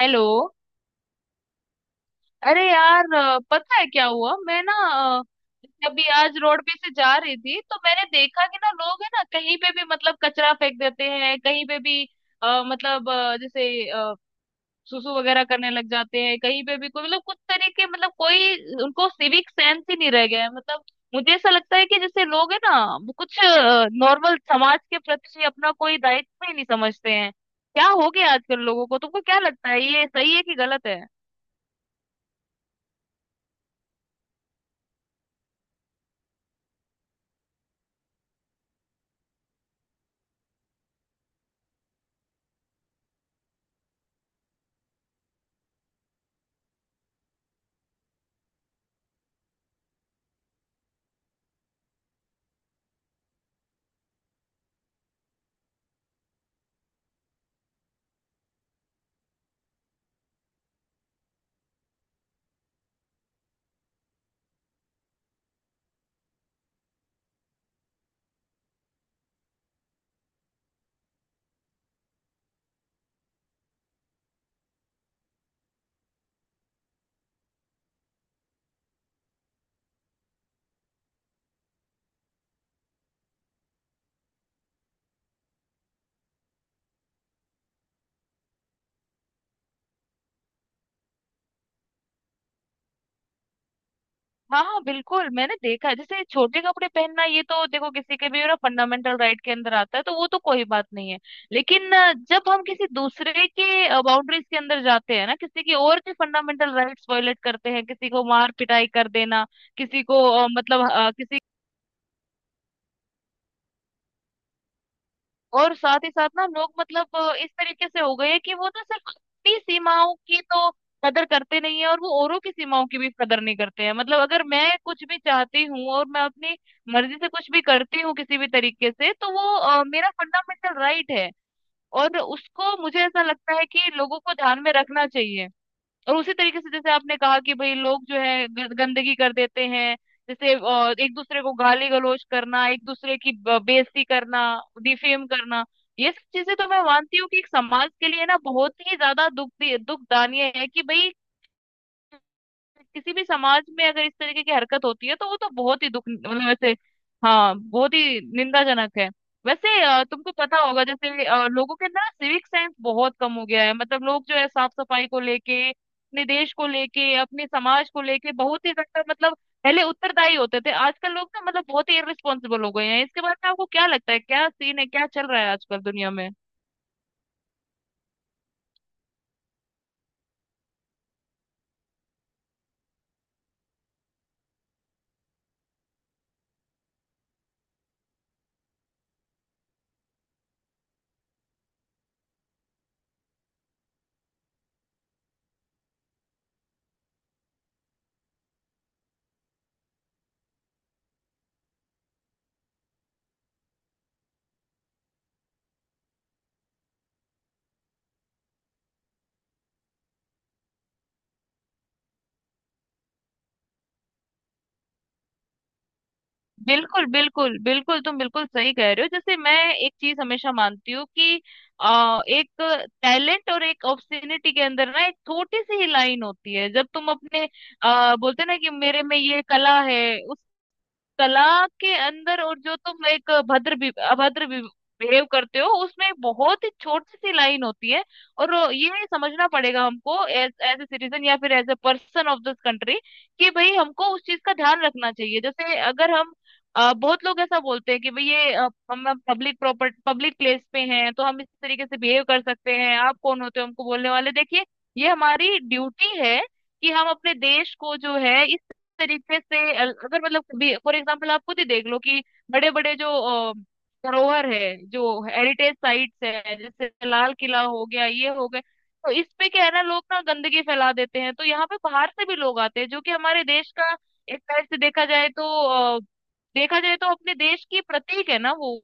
Hello. अरे यार, पता है क्या हुआ? मैं ना अभी आज रोड पे से जा रही थी, तो मैंने देखा कि ना लोग है ना, कहीं पे भी मतलब कचरा फेंक देते हैं कहीं पे भी। अ, मतलब अ, जैसे अ, सुसु वगैरह करने लग जाते हैं कहीं पे भी। कोई मतलब कुछ तरीके मतलब कोई, उनको सिविक सेंस ही नहीं रह गया है मतलब। मुझे ऐसा लगता है कि जैसे लोग है ना, वो कुछ नॉर्मल समाज के प्रति अपना कोई दायित्व ही नहीं समझते हैं। क्या हो गया आजकल लोगों को? तुमको क्या लगता है, ये सही है कि गलत है? हाँ बिल्कुल, मैंने देखा है। जैसे छोटे कपड़े पहनना, ये तो देखो किसी के भी ना फंडामेंटल राइट के अंदर आता है, तो वो तो कोई बात नहीं है। लेकिन जब हम किसी दूसरे के बाउंड्रीज के अंदर जाते हैं ना, किसी की और के फंडामेंटल राइट्स वायलेट करते हैं, किसी को मार पिटाई कर देना, किसी को किसी। और साथ ही साथ ना हम लोग मतलब इस तरीके से हो गए हैं कि वो ना सिर्फ अपनी सीमाओं की तो कदर करते नहीं है, और वो औरों की सीमाओं की भी कदर नहीं करते हैं। मतलब अगर मैं कुछ भी चाहती हूँ और मैं अपनी मर्जी से कुछ भी करती हूँ किसी भी तरीके से, तो वो मेरा फंडामेंटल राइट है। और उसको मुझे ऐसा लगता है कि लोगों को ध्यान में रखना चाहिए। और उसी तरीके से जैसे आपने कहा कि भाई लोग जो है गंदगी कर देते हैं। जैसे एक दूसरे को गाली गलौज करना, एक दूसरे की बेइज्जती करना, डिफेम करना, ये सब चीजें तो मैं मानती हूँ कि एक समाज के लिए ना बहुत ही ज्यादा दुख दुखदाई है। कि भाई किसी भी समाज में अगर इस तरीके की हरकत होती है, तो वो तो बहुत ही दुख मतलब वैसे, हाँ बहुत ही निंदाजनक है। वैसे तुमको पता होगा, जैसे लोगों के अंदर सिविक सेंस बहुत कम हो गया है। मतलब लोग जो है साफ सफाई को लेके, अपने देश को लेके, अपने समाज को लेके बहुत ही ज्यादा मतलब पहले उत्तरदायी होते थे, आजकल लोग ना मतलब बहुत ही इररिस्पॉन्सिबल हो गए हैं। इसके बारे में आपको क्या लगता है? क्या सीन है, क्या चल रहा है आजकल दुनिया में? बिल्कुल बिल्कुल बिल्कुल, तुम बिल्कुल सही कह रहे हो। जैसे मैं एक चीज हमेशा मानती हूँ कि एक टैलेंट और एक ऑब्स्टिनिटी के अंदर ना एक छोटी सी ही लाइन होती है। जब तुम अपने बोलते ना कि मेरे में ये कला है, कला के अंदर, और जो तुम एक अभद्र बिहेव करते हो, उसमें एक बहुत ही छोटी सी लाइन होती है। और ये समझना पड़ेगा हमको एज एज ए सिटीजन या फिर as a person of this country, कि भाई हमको उस चीज का ध्यान रखना चाहिए। जैसे अगर हम बहुत लोग ऐसा बोलते हैं कि भाई ये हम पब्लिक प्रॉपर्टी पब्लिक प्लेस पे हैं, तो हम इस तरीके से बिहेव कर सकते हैं, आप कौन होते हो हमको बोलने वाले, देखिए ये हमारी ड्यूटी है कि हम अपने देश को जो है तरीके से अगर मतलब कभी फॉर एग्जाम्पल आप खुद ही देख लो कि बड़े बड़े जो अ, धरोहर है, जो हेरिटेज साइट्स है, जैसे लाल किला हो गया ये हो गए, तो इस पे क्या है ना, लोग ना गंदगी फैला देते हैं। तो यहाँ पे बाहर से भी लोग आते हैं, जो कि हमारे देश का एक तरह से देखा जाए तो अ, अपने देश की प्रतीक है ना वो,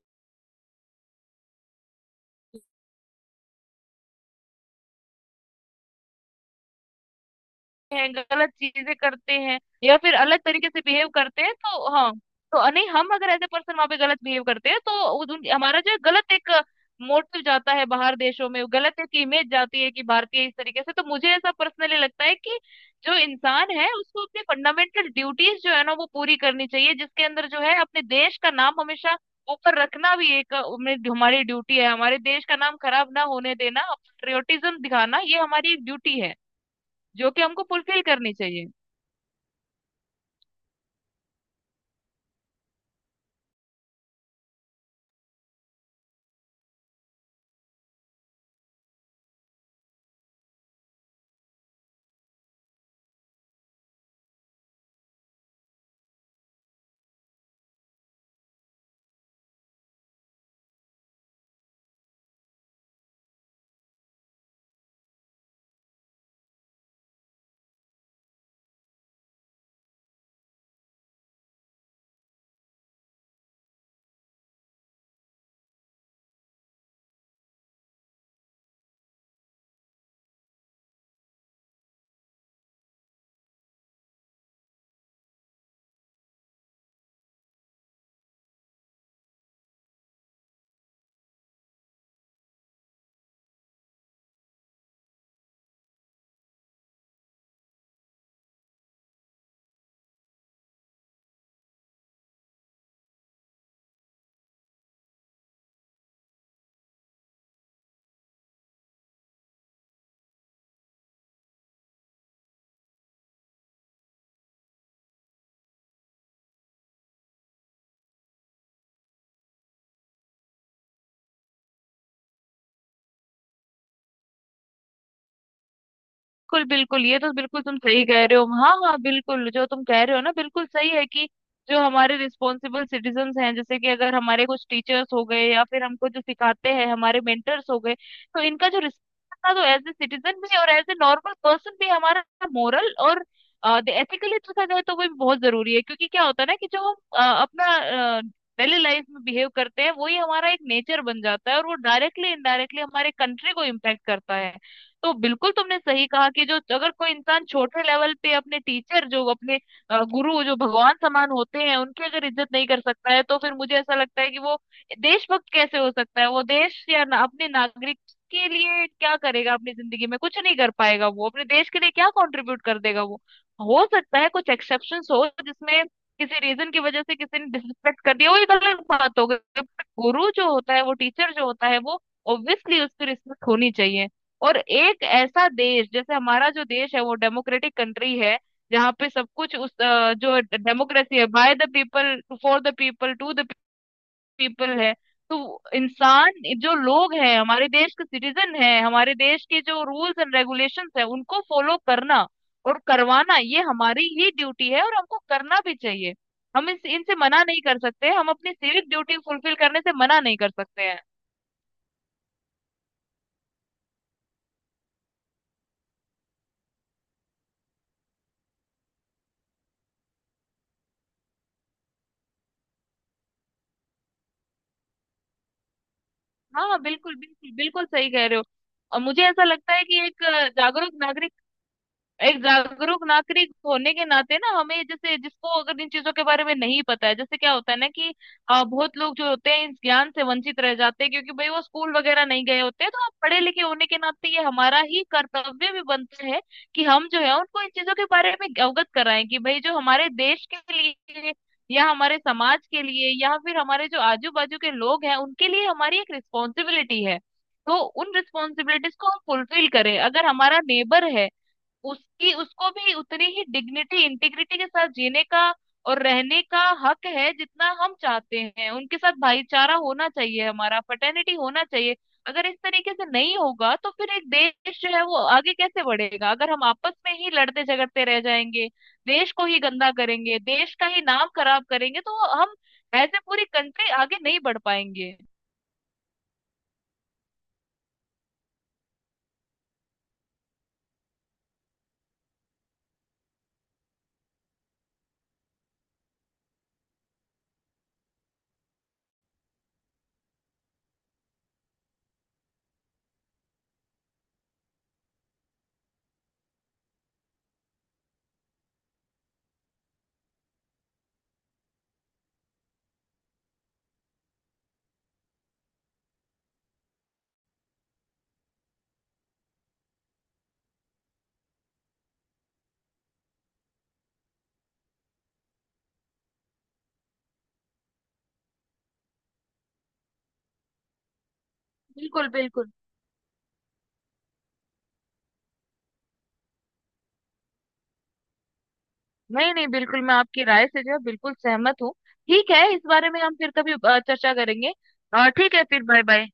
हैं गलत चीजें करते हैं या फिर अलग तरीके से बिहेव करते हैं, तो हाँ, तो नहीं, हम अगर एज ए पर्सन वहां पे गलत बिहेव करते हैं, तो हमारा जो है गलत एक मोटिव जाता है, बाहर देशों में गलत एक इमेज जाती है कि भारतीय इस तरीके से। तो मुझे ऐसा पर्सनली लगता है कि जो इंसान है उसको अपनी फंडामेंटल ड्यूटीज जो है ना वो पूरी करनी चाहिए, जिसके अंदर जो है अपने देश का नाम हमेशा ऊपर रखना भी एक हमारी ड्यूटी है। हमारे देश का नाम खराब ना होने देना, पेट्रियोटिज्म दिखाना, ये हमारी एक ड्यूटी है, जो कि हमको फुलफिल करनी चाहिए। बिल्कुल बिल्कुल, ये तो बिल्कुल तुम सही कह रहे हो। हाँ हाँ बिल्कुल, जो तुम कह रहे हो ना बिल्कुल सही है। कि जो हमारे रिस्पॉन्सिबल सिटीजन्स हैं, जैसे कि अगर हमारे कुछ टीचर्स हो गए, या फिर हमको जो सिखाते हैं हमारे मेंटर्स हो गए, तो इनका जो रिस्पॉन्स तो एज ए सिटीजन भी, और एज ए नॉर्मल पर्सन भी, हमारा मोरल और एथिकली देखा जाए तो वो भी बहुत जरूरी है। क्योंकि क्या होता है ना कि जो हम अपना डेली लाइफ में बिहेव करते हैं, वही हमारा एक नेचर बन जाता है, और वो डायरेक्टली इनडायरेक्टली हमारे कंट्री को इम्पैक्ट करता है। तो बिल्कुल तुमने सही कहा कि जो अगर कोई इंसान छोटे लेवल पे अपने टीचर, जो अपने गुरु जो भगवान समान होते हैं, उनकी अगर इज्जत नहीं कर सकता है, तो फिर मुझे ऐसा लगता है कि वो देशभक्त कैसे हो सकता है? वो देश या ना, अपने नागरिक के लिए क्या करेगा? अपनी जिंदगी में कुछ नहीं कर पाएगा, वो अपने देश के लिए क्या कंट्रीब्यूट कर देगा। वो हो सकता है कुछ एक्सेप्शंस हो जिसमें किसी रीजन की वजह से किसी ने डिसरिस्पेक्ट कर दिया, वो ये गलत बात हो गई। गुरु जो होता है, वो टीचर जो होता है वो ऑब्वियसली उसकी रिस्पेक्ट होनी चाहिए। और एक ऐसा देश जैसे हमारा जो देश है वो डेमोक्रेटिक कंट्री है, जहाँ पे सब कुछ उस जो डेमोक्रेसी है by the people for the people to the people है, तो इंसान, जो लोग हैं हमारे देश के सिटीजन हैं, हमारे देश के जो रूल्स एंड रेगुलेशंस है उनको फॉलो करना और करवाना ये हमारी ही ड्यूटी है और हमको करना भी चाहिए। हम इस इनसे मना नहीं कर सकते, हम अपनी सिविक ड्यूटी फुलफिल करने से मना नहीं कर सकते हैं। हाँ बिल्कुल बिल्कुल बिल्कुल, सही कह रहे हो। और मुझे ऐसा लगता है कि एक जागरूक नागरिक, एक जागरूक नागरिक होने के नाते ना हमें, जैसे जिसको अगर इन चीजों के बारे में नहीं पता है, जैसे क्या होता है ना कि बहुत लोग जो होते हैं इस ज्ञान से वंचित रह जाते हैं, क्योंकि भाई वो स्कूल वगैरह नहीं गए होते हैं, तो आप पढ़े लिखे होने के नाते ये हमारा ही कर्तव्य भी बनता है कि हम जो है उनको इन चीजों के बारे में अवगत कराएं कि भाई जो हमारे देश के लिए, या हमारे समाज के लिए, या फिर हमारे जो आजू बाजू के लोग हैं उनके लिए हमारी एक रिस्पॉन्सिबिलिटी है। तो उन रिस्पॉन्सिबिलिटीज को हम फुलफिल करें। अगर हमारा नेबर है, उसकी उसको भी उतनी ही डिग्निटी इंटीग्रिटी के साथ जीने का और रहने का हक है जितना हम चाहते हैं। उनके साथ भाईचारा होना चाहिए, हमारा फ्रेटर्निटी होना चाहिए। अगर इस तरीके से नहीं होगा तो फिर एक देश जो है वो आगे कैसे बढ़ेगा? अगर हम आपस में ही लड़ते झगड़ते रह जाएंगे, देश को ही गंदा करेंगे, देश का ही नाम खराब करेंगे, तो हम एज ए पूरी कंट्री आगे नहीं बढ़ पाएंगे। बिल्कुल बिल्कुल। नहीं नहीं बिल्कुल, मैं आपकी राय से जो है बिल्कुल सहमत हूँ। ठीक है, इस बारे में हम फिर कभी चर्चा करेंगे। ठीक है, फिर बाय बाय।